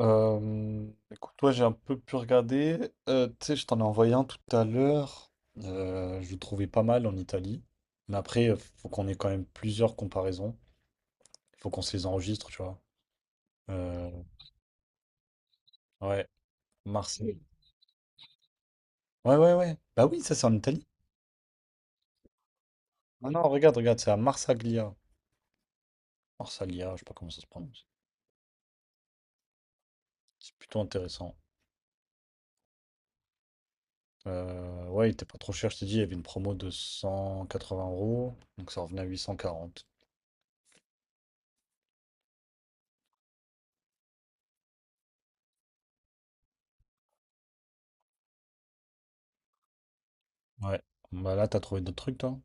Écoute, ouais, j'ai un peu pu regarder. Tu sais, je t'en ai envoyé un tout à l'heure. Je le trouvais pas mal en Italie. Mais après, faut qu'on ait quand même plusieurs comparaisons. Il faut qu'on se les enregistre, tu vois. Euh, ouais, Marseille. Ouais, ouais, ouais. Bah oui, ça c'est en Italie. Ah non, regarde, regarde, c'est à Marsaglia. Marsaglia, je sais pas comment ça se prononce. C'est plutôt intéressant. Ouais, il était pas trop cher, je t'ai dit, il y avait une promo de 180 euros. Donc ça revenait à 840. Ouais. Bah là, t'as trouvé d'autres trucs, toi?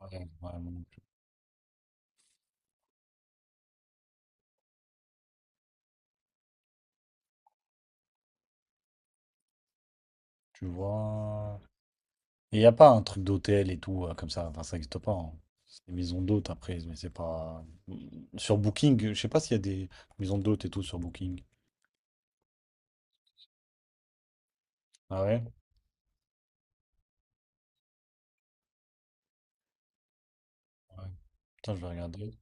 Ouais, ouais, moi non plus. Tu vois. Il n'y a pas un truc d'hôtel et tout, comme ça. Enfin, ça n'existe pas, hein. C'est des maisons d'hôtes après, mais c'est pas. Mmh, Sur Booking, je sais pas s'il y a des maisons d'hôtes et tout sur Booking. Ah ouais? Ouais. Putain, je vais regarder.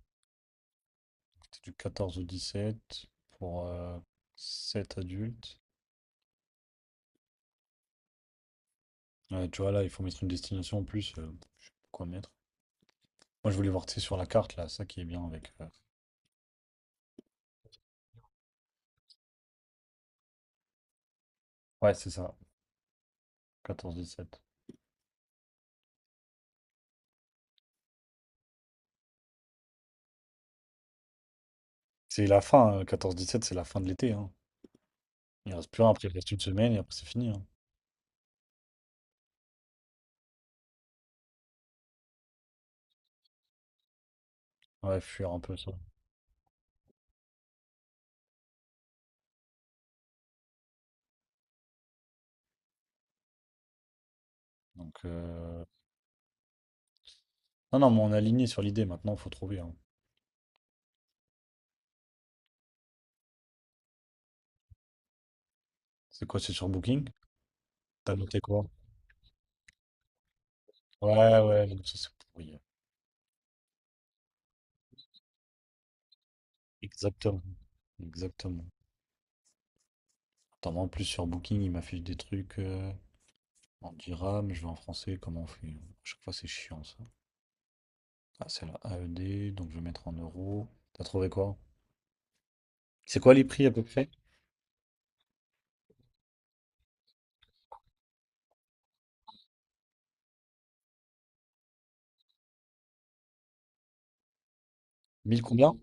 C'est du 14 au 17 pour 7 adultes. Ouais, tu vois, là, il faut mettre une destination en plus. Je sais pas quoi mettre. Moi, je voulais voir, tu sais, sur la carte, là, ça qui est bien avec. Ouais, c'est ça. 14 17. C'est la fin, hein, 14 17, c'est la fin de l'été, hein. Il reste plus rien, après il reste une semaine et après c'est fini, hein. Ouais, fuir un peu ça. Donc, non, non, mais on est aligné sur l'idée maintenant, faut trouver, hein. C'est quoi, c'est sur Booking? T'as noté quoi? Ouais, ouais, donc ça c'est pourri. Exactement, exactement. Attends, moi, en plus sur Booking, il m'affiche des trucs en dirham, je vais en français, comment on fait? À chaque fois c'est chiant ça. Ah, c'est la AED, donc je vais mettre en euros. T'as trouvé quoi? C'est quoi les prix à peu près? 1000 combien?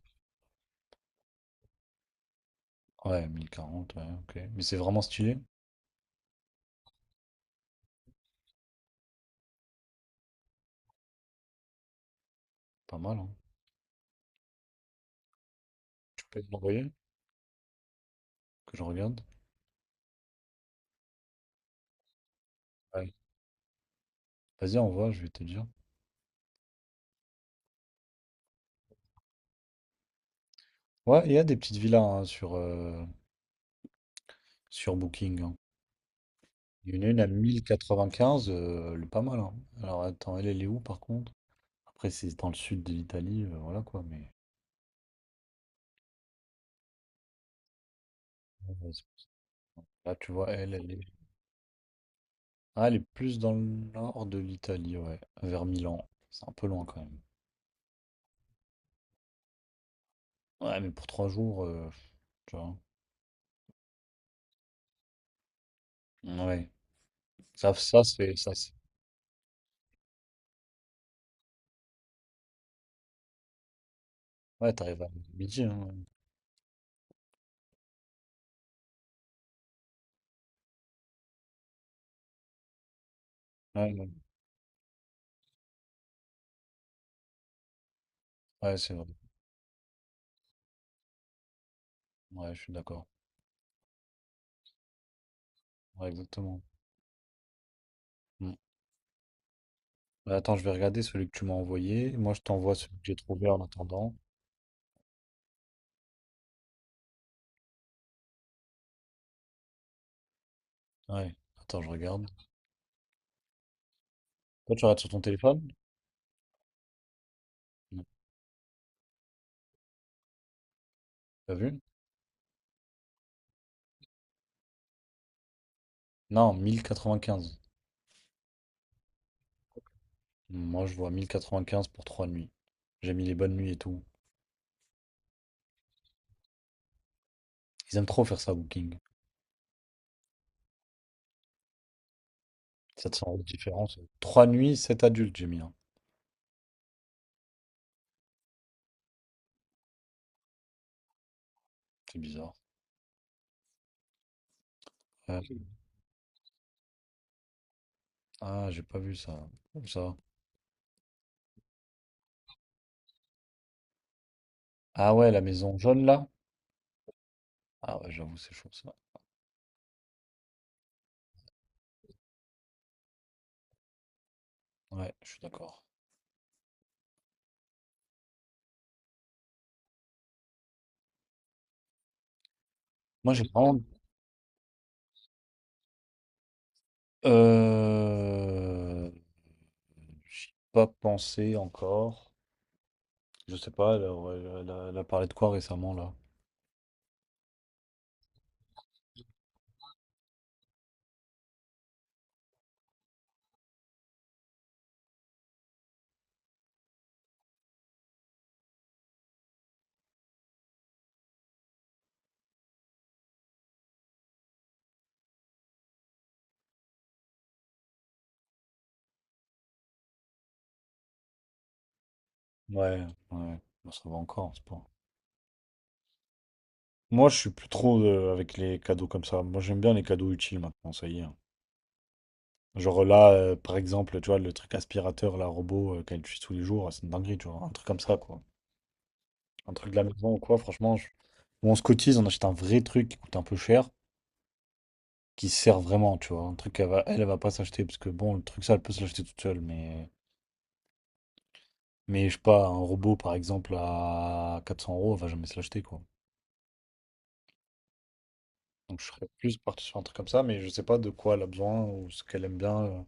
Ouais, 1040, ouais, ok. Mais c'est vraiment stylé, pas mal, hein. Tu peux me l'envoyer que je regarde? Ouais. Vas-y, envoie, je vais te dire. Ouais, il y a des petites villas hein, sur Booking, hein. Il y en a une à 1095, elle est pas mal, hein. Alors attends, elle est où par contre? Après, c'est dans le sud de l'Italie, voilà quoi, mais. euh, c'est- Là, tu vois, elle est. Ah, elle est plus dans le nord de l'Italie, ouais, vers Milan. C'est un peu loin quand même. Ouais, mais pour 3 jours, tu vois. Ouais. Ça, c'est. Ça, c'est- Ouais, t'arrives à midi, hein. Ouais, ouais, ouais, c'est vrai. Ouais, je suis d'accord. Ouais, exactement. Bah, attends, je vais regarder celui que tu m'as envoyé. Moi, je t'envoie celui que j'ai trouvé en attendant. Ouais, attends, je regarde. Toi, tu regardes sur ton téléphone? Non. T'as vu? Non, 1 095. Moi, je vois 1 095 pour 3 nuits. J'ai mis les bonnes nuits et tout. Ils aiment trop faire ça, Booking. 700 € de différence. 3 nuits, sept adultes, j'ai mis, hein. C'est bizarre. Ouais. Ah, j'ai pas vu ça. Comme ça. Ah ouais, la maison jaune, là? Ah ouais, j'avoue, c'est chaud, ça. Ouais, je suis d'accord. Moi, j'ai vraiment... Euh... J'y ai pas pensé encore. Je sais pas, elle a parlé de quoi récemment là? Ouais, ouais. Bon, ça va encore, c'est pas. Moi, je suis plus trop avec les cadeaux comme ça. Moi, j'aime bien les cadeaux utiles maintenant, ça y est, hein. Genre là, par exemple, tu vois, le truc aspirateur, là, robot qu'elle utilise tous les jours, ah, c'est une dinguerie, tu vois. Un truc comme ça, quoi. Un truc de la maison ou quoi, franchement, ou on se cotise, on achète un vrai truc qui coûte un peu cher, qui sert vraiment, tu vois. Un truc qu'elle va, elle, elle va pas s'acheter, parce que bon, le truc ça, elle peut se l'acheter toute seule, mais. Mais je sais pas, un robot par exemple à 400 euros, elle va jamais se l'acheter quoi. Donc je serais plus parti sur un truc comme ça, mais je sais pas de quoi elle a besoin ou ce qu'elle aime bien.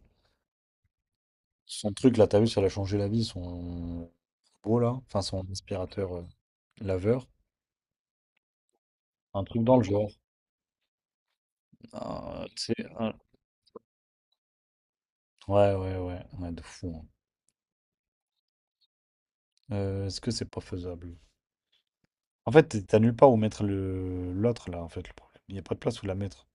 Son truc là, t'as vu, ça l'a changé la vie, son robot là, enfin son aspirateur laveur. Un truc dans le genre. Tu sais. Ouais, ouais, ouais, ouais, de fou, hein. Est-ce que c'est pas faisable? En fait, t'as nulle part où mettre le l'autre là, en fait, le problème. Il n'y a pas de place où la mettre.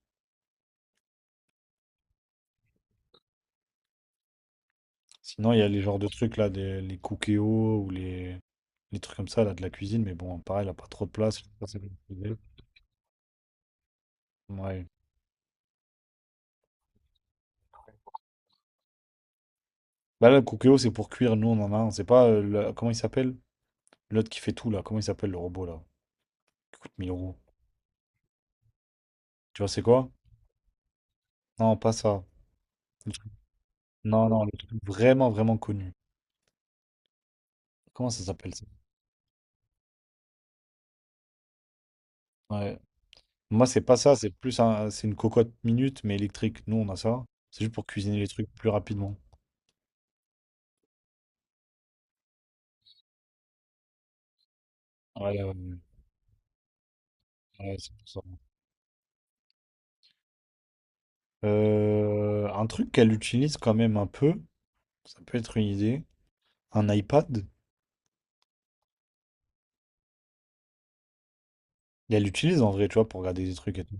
Sinon, il y a les genres de trucs là, des... les Cookéo ou les. Les trucs comme ça, là, de la cuisine, mais bon, pareil, elle a pas trop de place. Je sais pas si. Ouais. Bah là, le Cookeo, c'est pour cuire, nous, on en a un. C'est pas, comment il s'appelle? L'autre qui fait tout, là. Comment il s'appelle, le robot, là? Qui coûte mille euros. Tu vois, c'est quoi? Non, pas ça. Non, non, le truc vraiment, vraiment connu. Comment ça s'appelle, ça? Ouais. Moi, c'est pas ça, c'est plus un, c'est une cocotte minute, mais électrique. Nous, on a ça. C'est juste pour cuisiner les trucs plus rapidement. Ouais, ouais, ouais. Ouais, c'est pour ça. Un truc qu'elle utilise quand même un peu, ça peut être une idée. Un iPad. Et elle l'utilise en vrai, tu vois, pour regarder des trucs et tout.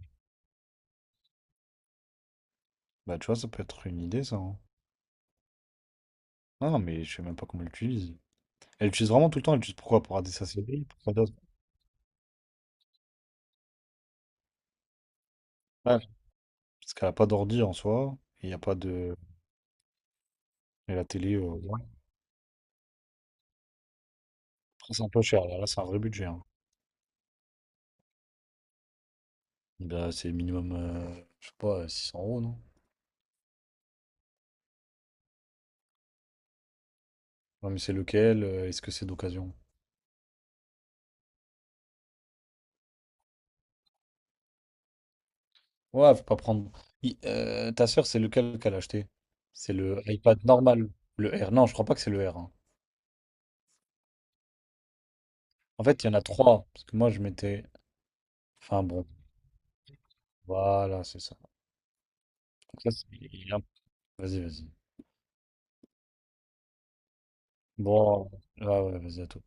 Bah, tu vois, ça peut être une idée, ça, hein. Ah non, mais je sais même pas comment elle l'utilise. Elle l'utilise vraiment tout le temps. Elle l'utilise pourquoi? Pour regarder sa série, pour quoi d'autre. Ouais. Parce qu'elle a pas d'ordi en soi. Il y a pas de. Et la télé, ouais. Après, c'est un peu cher. Là, là, c'est un vrai budget, hein. Bah, c'est minimum, je sais pas, 600 euros, non? Ouais, mais c'est lequel? Est-ce que c'est d'occasion? Ouais, faut pas prendre. Ta sœur, c'est lequel qu'elle a acheté? C'est le iPad normal. Le R. Non, je crois pas que c'est le R, hein. En fait, il y en a trois. Parce que moi, je m'étais. Enfin, bon. Voilà, c'est ça. Donc là. Vas-y, vas-y. Bon, ouais, ouais, vas-y, à tout.